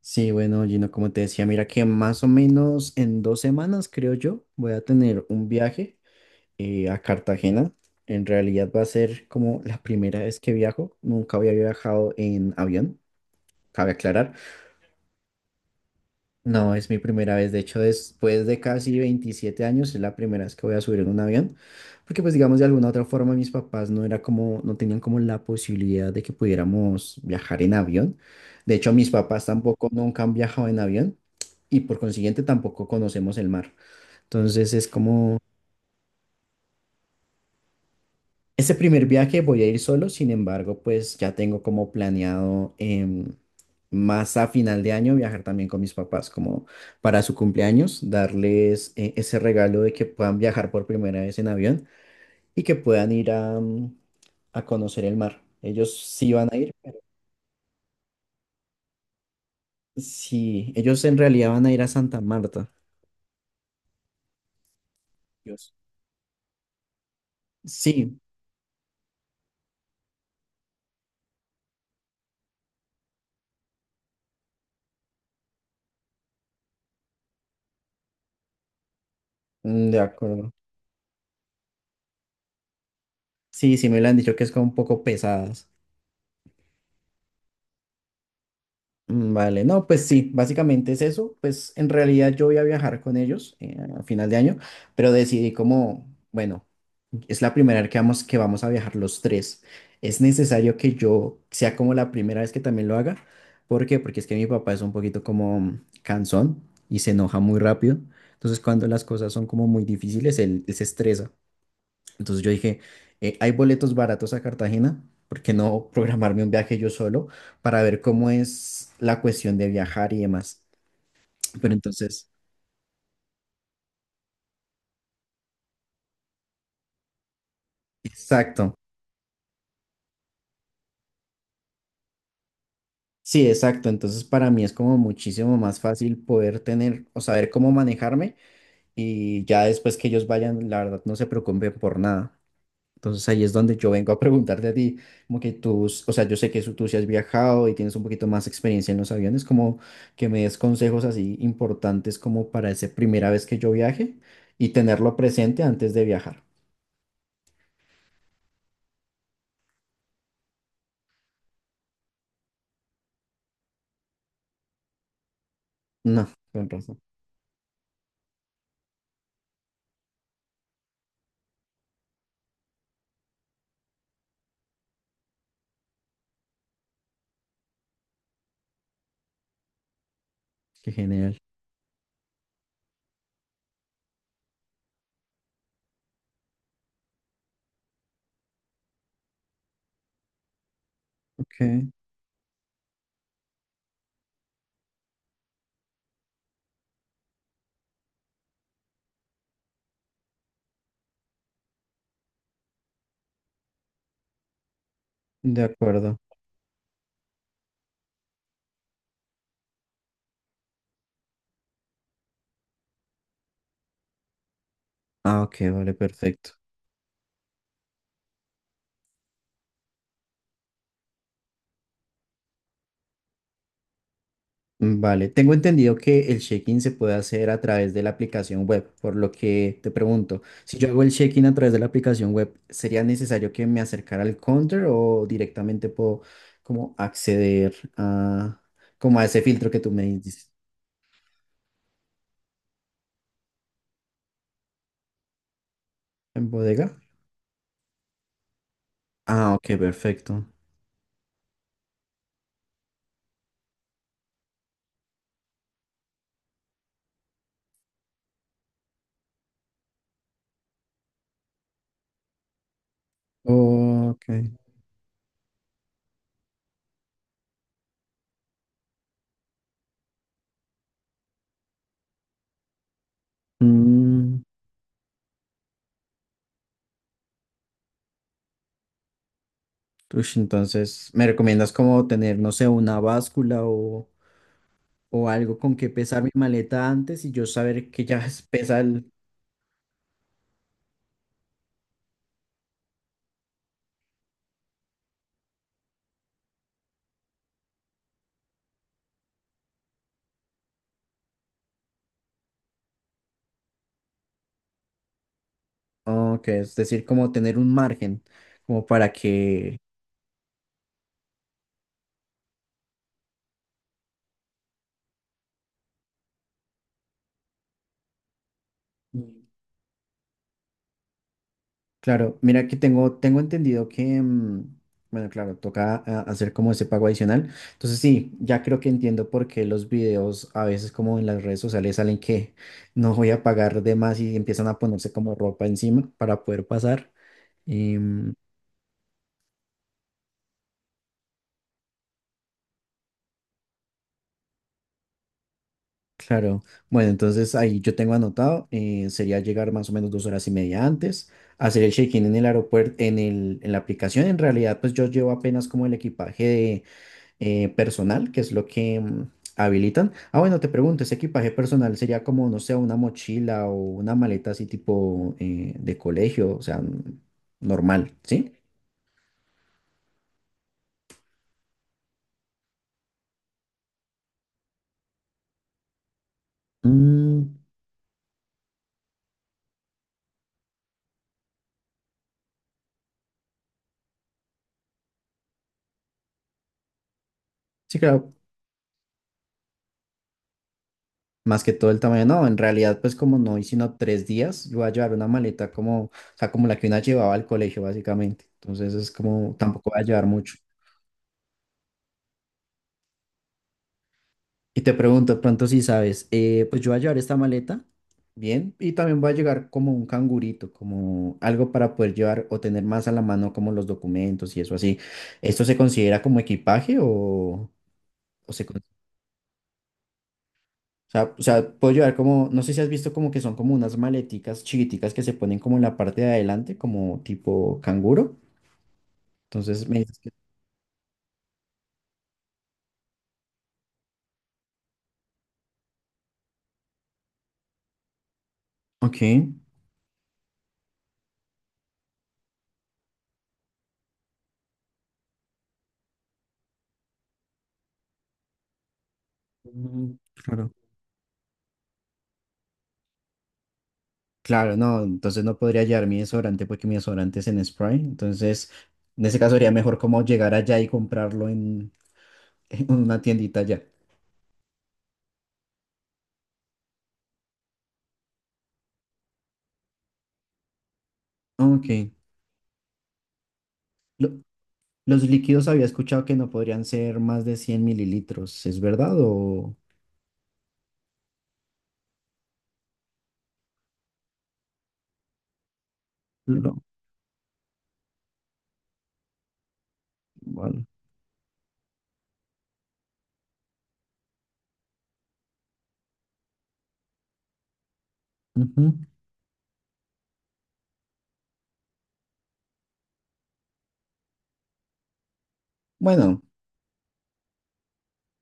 Sí, bueno, Gino, como te decía, mira que más o menos en 2 semanas, creo yo, voy a tener un viaje a Cartagena. En realidad va a ser como la primera vez que viajo. Nunca había viajado en avión, cabe aclarar. No, es mi primera vez. De hecho, después de casi 27 años, es la primera vez que voy a subir en un avión. Porque, pues, digamos, de alguna u otra forma, mis papás no era como, no tenían como la posibilidad de que pudiéramos viajar en avión. De hecho, mis papás tampoco nunca han viajado en avión y por consiguiente tampoco conocemos el mar. Entonces, es como. Ese primer viaje voy a ir solo, sin embargo, pues ya tengo como planeado más a final de año viajar también con mis papás, como para su cumpleaños, darles ese regalo de que puedan viajar por primera vez en avión y que puedan ir a conocer el mar. Ellos sí van a ir, pero sí, ellos en realidad van a ir a Santa Marta. Dios. Sí, de acuerdo. Sí, sí me lo han dicho que es como un poco pesadas. Vale, no, pues sí, básicamente es eso. Pues en realidad yo voy a viajar con ellos a final de año, pero decidí como, bueno, es la primera vez que vamos a viajar los tres. Es necesario que yo sea como la primera vez que también lo haga. ¿Por qué? Porque es que mi papá es un poquito como cansón y se enoja muy rápido. Entonces cuando las cosas son como muy difíciles, él se estresa. Entonces yo dije, hay boletos baratos a Cartagena, ¿por qué no programarme un viaje yo solo para ver cómo es la cuestión de viajar y demás? Pero entonces, exacto, sí, exacto. Entonces para mí es como muchísimo más fácil poder tener o saber cómo manejarme y ya después que ellos vayan, la verdad, no se preocupen por nada. Entonces ahí es donde yo vengo a preguntarte a ti, como que tú, o sea, yo sé que tú sí has viajado y tienes un poquito más experiencia en los aviones, como que me des consejos así importantes como para esa primera vez que yo viaje y tenerlo presente antes de viajar. No, con razón. Qué genial. Ok, de acuerdo. Ah, ok, vale, perfecto. Vale, tengo entendido que el check-in se puede hacer a través de la aplicación web, por lo que te pregunto, si yo hago el check-in a través de la aplicación web, ¿sería necesario que me acercara al counter o directamente puedo como acceder a como a ese filtro que tú me dices en bodega? Ah, ok, perfecto. Ok. Mm, ush, entonces, ¿me recomiendas como tener, no sé, una báscula o algo con que pesar mi maleta antes y yo saber que ya pesa? Oh, ok, es decir, como tener un margen, como para que. Mm. Claro, mira que tengo entendido que, bueno, claro, toca hacer como ese pago adicional. Entonces sí, ya creo que entiendo por qué los videos a veces como en las redes sociales salen que no voy a pagar de más y empiezan a ponerse como ropa encima para poder pasar. Em, Claro. Bueno, entonces ahí yo tengo anotado, sería llegar más o menos 2 horas y media antes, hacer el check-in en el aeropuerto, en la aplicación. En realidad, pues yo llevo apenas como el equipaje de, personal, que es lo que habilitan. Ah, bueno, te pregunto, ¿ese equipaje personal sería como, no sé, una mochila o una maleta así tipo de colegio, o sea, normal, sí? Mm, sí, claro. Más que todo el tamaño, no, en realidad pues como no hice sino 3 días, yo voy a llevar una maleta como, o sea, como la que una llevaba al colegio básicamente, entonces es como, tampoco voy a llevar mucho. Y te pregunto, de pronto si sabes, pues yo voy a llevar esta maleta, bien, y también voy a llegar como un cangurito, como algo para poder llevar o tener más a la mano como los documentos y eso así. ¿Esto se considera como equipaje, o se o sea, puedo llevar como, no sé si has visto como que son como unas maleticas chiquiticas que se ponen como en la parte de adelante, como tipo canguro? Entonces me dices que. Ok. Mm, claro. Claro, no, entonces no podría llevar mi desodorante porque mi desodorante es en spray. Entonces, en ese caso sería mejor como llegar allá y comprarlo en una tiendita allá. Ok. Lo- los líquidos había escuchado que no podrían ser más de 100 mililitros, ¿es verdad o? Mm, no. Bueno. Ujú. Bueno,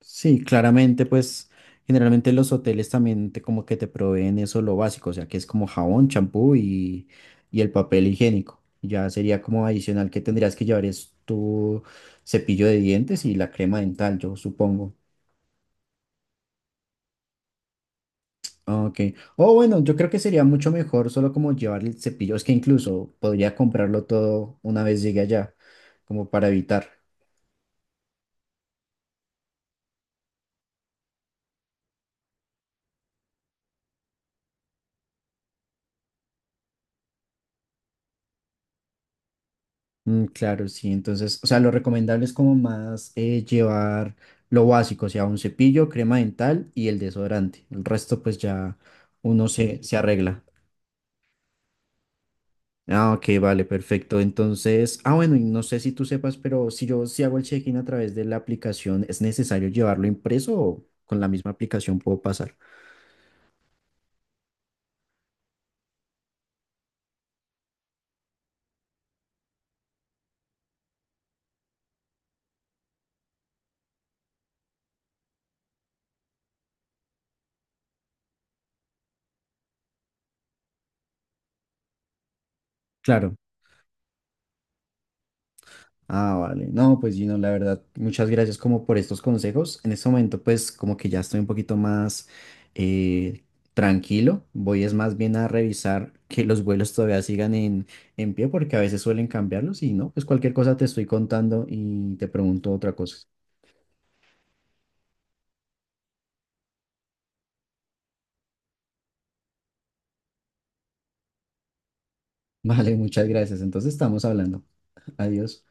sí, claramente, pues generalmente los hoteles también como que te proveen eso lo básico, o sea, que es como jabón, champú y el papel higiénico. Ya sería como adicional que tendrías que llevar es tu cepillo de dientes y la crema dental, yo supongo. Ah, ok. O bueno, yo creo que sería mucho mejor solo como llevar el cepillo, es que incluso podría comprarlo todo una vez llegue allá, como para evitar. Mm, claro, sí. Entonces, o sea, lo recomendable es como más llevar lo básico, o sea, un cepillo, crema dental y el desodorante. El resto, pues ya uno se arregla. Ah, ok, vale, perfecto. Entonces, bueno, y no sé si tú sepas, pero si hago el check-in a través de la aplicación, ¿es necesario llevarlo impreso o con la misma aplicación puedo pasar? Claro. Ah, vale. No, pues Gino, la verdad, muchas gracias como por estos consejos. En este momento, pues como que ya estoy un poquito más eh, tranquilo. Voy es más bien a revisar que los vuelos todavía sigan en pie porque a veces suelen cambiarlos y no, pues cualquier cosa te estoy contando y te pregunto otra cosa. Vale, muchas gracias. Entonces estamos hablando. Adiós.